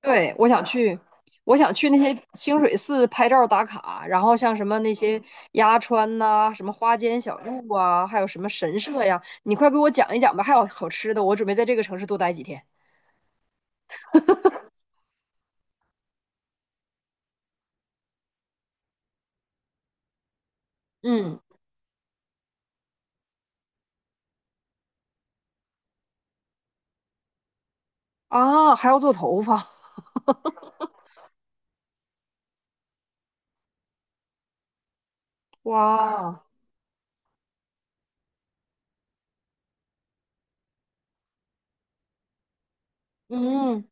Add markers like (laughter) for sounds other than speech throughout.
对，我想去那些清水寺拍照打卡，然后像什么那些鸭川呐、什么花间小路啊，还有什么神社呀，你快给我讲一讲吧。还有好吃的，我准备在这个城市多待几天。嗯。啊，还要做头发。哇。嗯。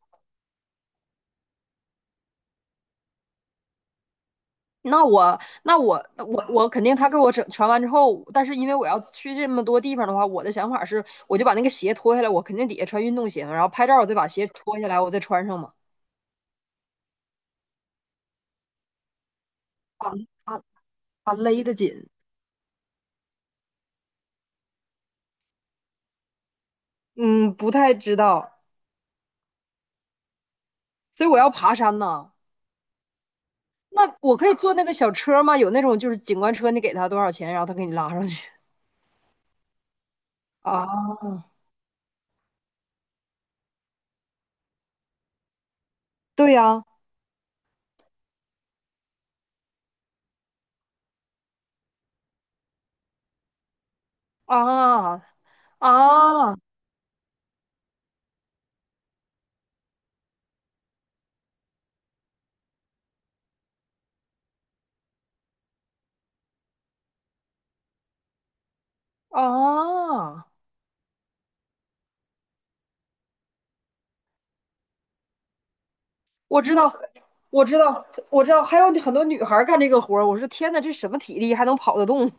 那我肯定他给我整传完之后，但是因为我要去这么多地方的话，我的想法是，我就把那个鞋脱下来，我肯定底下穿运动鞋嘛，然后拍照我再把鞋脱下来，我再穿上嘛。啊。啊。啊，勒得紧。嗯，不太知道，所以我要爬山呢。那我可以坐那个小车吗？有那种就是景观车，你给他多少钱，然后他给你拉上去。啊？对呀。啊啊啊！我知道，我知道，我知道，还有很多女孩儿干这个活儿，我说天呐，这什么体力还能跑得动？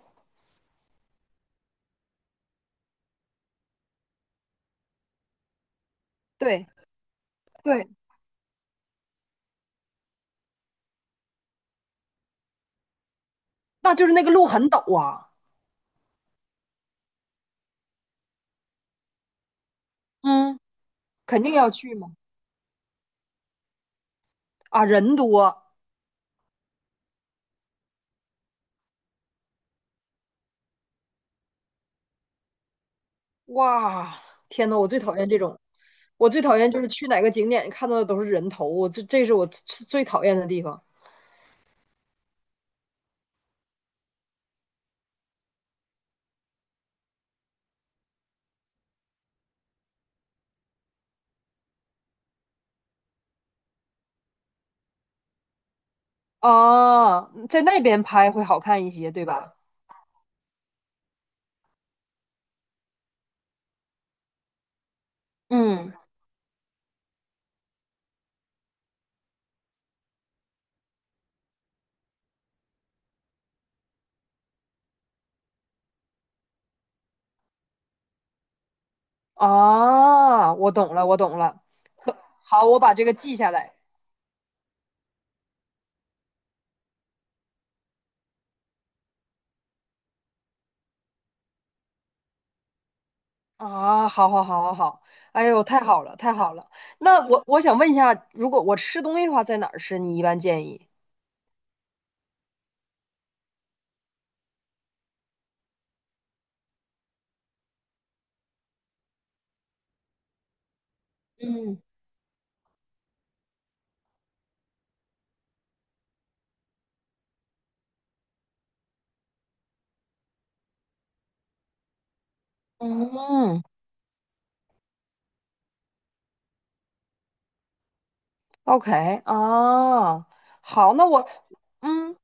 对对。那就是那个路很陡啊。嗯。肯定要去嘛。啊，人多。哇，天呐，我最讨厌这种，我最讨厌就是去哪个景点看到的都是人头，我这是我最最讨厌的地方。啊，在那边拍会好看一些，对吧？嗯。啊，我懂了，我懂了。可好，我把这个记下来。啊，好好好好好，哎呦，太好了，太好了。那我想问一下，如果我吃东西的话，在哪儿吃？你一般建议？嗯嗯，OK。 啊，好，那我。嗯。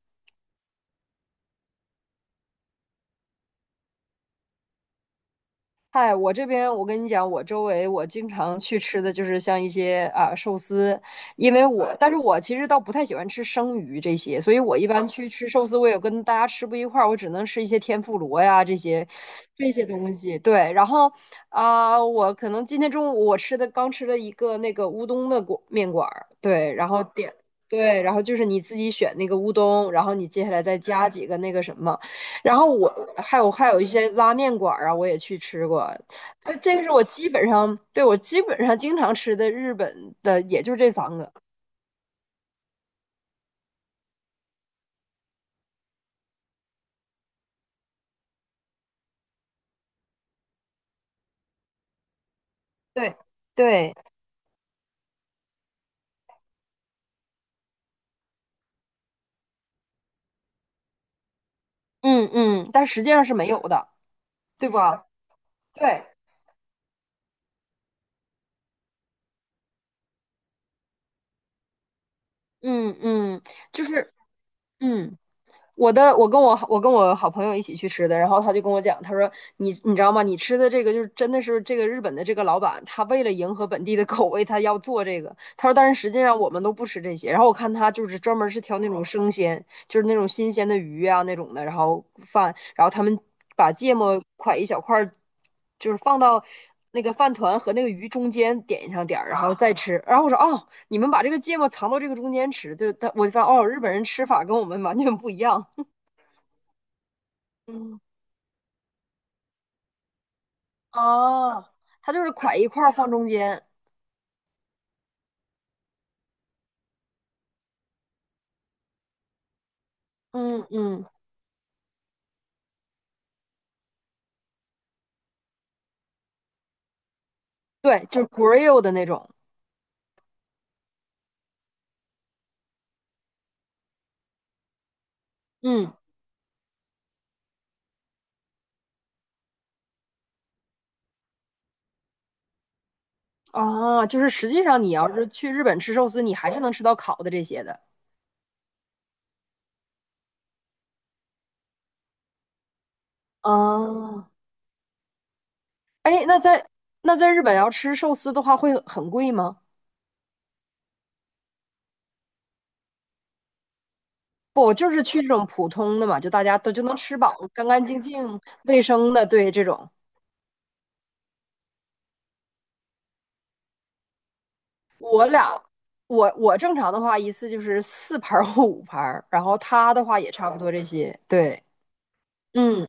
嗨，我这边我跟你讲，我周围我经常去吃的就是像一些啊寿司，因为我，但是我其实倒不太喜欢吃生鱼这些，所以我一般去吃寿司，我也跟大家吃不一块儿，我只能吃一些天妇罗呀这些这些东西。对，然后啊、我可能今天中午我吃的刚吃了一个那个乌冬的馆面馆儿，对，然后点。对，然后就是你自己选那个乌冬，然后你接下来再加几个那个什么。然后我还有一些拉面馆啊，我也去吃过。呃，这个是我基本上，对，我基本上经常吃的日本的，也就这三个。对对。嗯嗯，但实际上是没有的，对吧？对。嗯嗯，就是。嗯。我的，我跟我好朋友一起去吃的，然后他就跟我讲，他说你你知道吗？你吃的这个就是真的是这个日本的这个老板，他为了迎合本地的口味，他要做这个。他说，但是实际上我们都不吃这些。然后我看他就是专门是挑那种生鲜，就是那种新鲜的鱼啊那种的，然后饭，然后他们把芥末块一小块儿，就是放到那个饭团和那个鱼中间点上点儿，然后再吃。然后我说哦，你们把这个芥末藏到这个中间吃，就他我就发现哦，日本人吃法跟我们完全不一样。嗯。哦，它就是块一块儿放中间。嗯嗯。对，就是 grill 的那种。嗯。哦，就是实际上你要是去日本吃寿司，你还是能吃到烤的这些的。哦，哎，那在日本要吃寿司的话，会很贵吗？不，我就是去这种普通的嘛，就大家都就能吃饱，干干净净、卫生的。对，这种我俩，我正常的话一次就是四盘儿或五盘儿，然后他的话也差不多这些。对。嗯。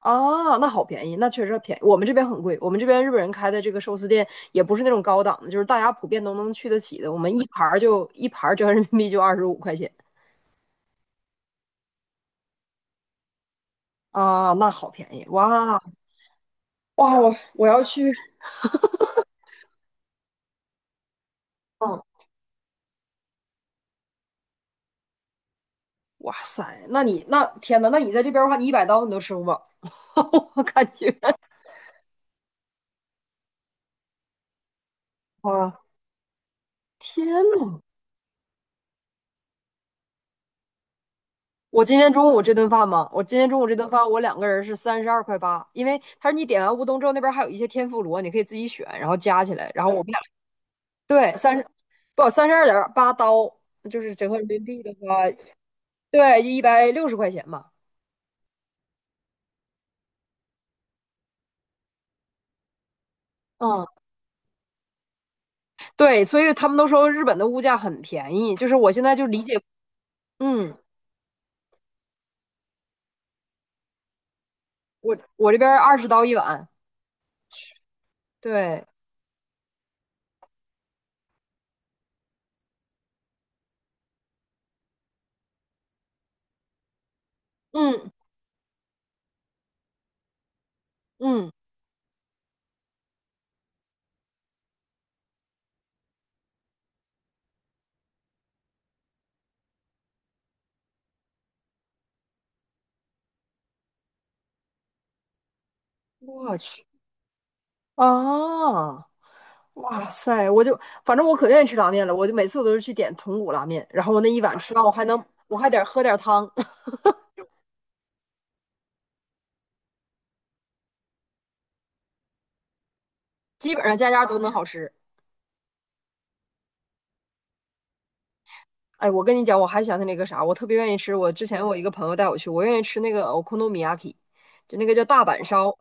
哦，那好便宜，那确实便宜。我们这边很贵，我们这边日本人开的这个寿司店也不是那种高档的，就是大家普遍都能去得起的。我们一盘儿就一盘儿折合人民币就25块钱。啊，那好便宜哇。哇！我我要去。嗯。哇塞，那你那天呐，那你在这边的话，你100刀你都吃不饱，(laughs) 我感觉 (laughs) 哇。天呐！我今天中午这顿饭嘛，我今天中午这顿饭，我两个人是32块8，因为他说你点完乌冬之后，那边还有一些天妇罗，你可以自己选，然后加起来，然后我们俩。对，三十，不，32.8刀，就是折合人民币的话，对，160块钱嘛。嗯。对，所以他们都说日本的物价很便宜，就是我现在就理解。嗯，我这边20刀一碗。对。嗯嗯，我去。啊，哇塞，我就反正我可愿意吃拉面了，我就每次我都是去点豚骨拉面，然后我那一碗吃完，我还能我还得喝点汤。(laughs) 基本上家家都能好吃。哎，我跟你讲，我还想起那个啥，我特别愿意吃。我之前我一个朋友带我去，我愿意吃那个 okonomiaki 就那个叫大阪烧。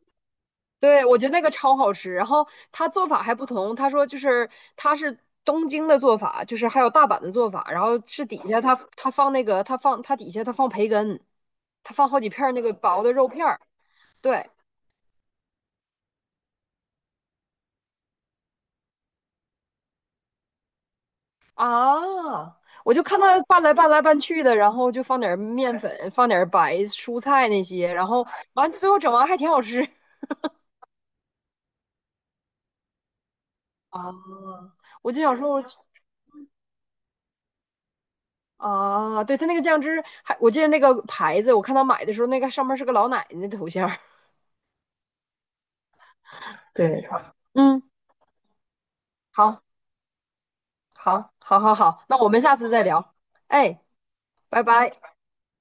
对，我觉得那个超好吃。然后他做法还不同，他说就是他是东京的做法，就是还有大阪的做法，然后是底下他底下他放培根，他放好几片儿那个薄的肉片儿。对啊，我就看他拌来拌去的，然后就放点儿面粉，放点儿白蔬菜那些，然后完最后整完还挺好吃。啊，我就想说我去。啊，对，他那个酱汁还，我记得那个牌子，我看他买的时候，那个上面是个老奶奶的头像儿。对，(laughs) 嗯，好，好，好，好，好，那我们下次再聊。哎，拜拜。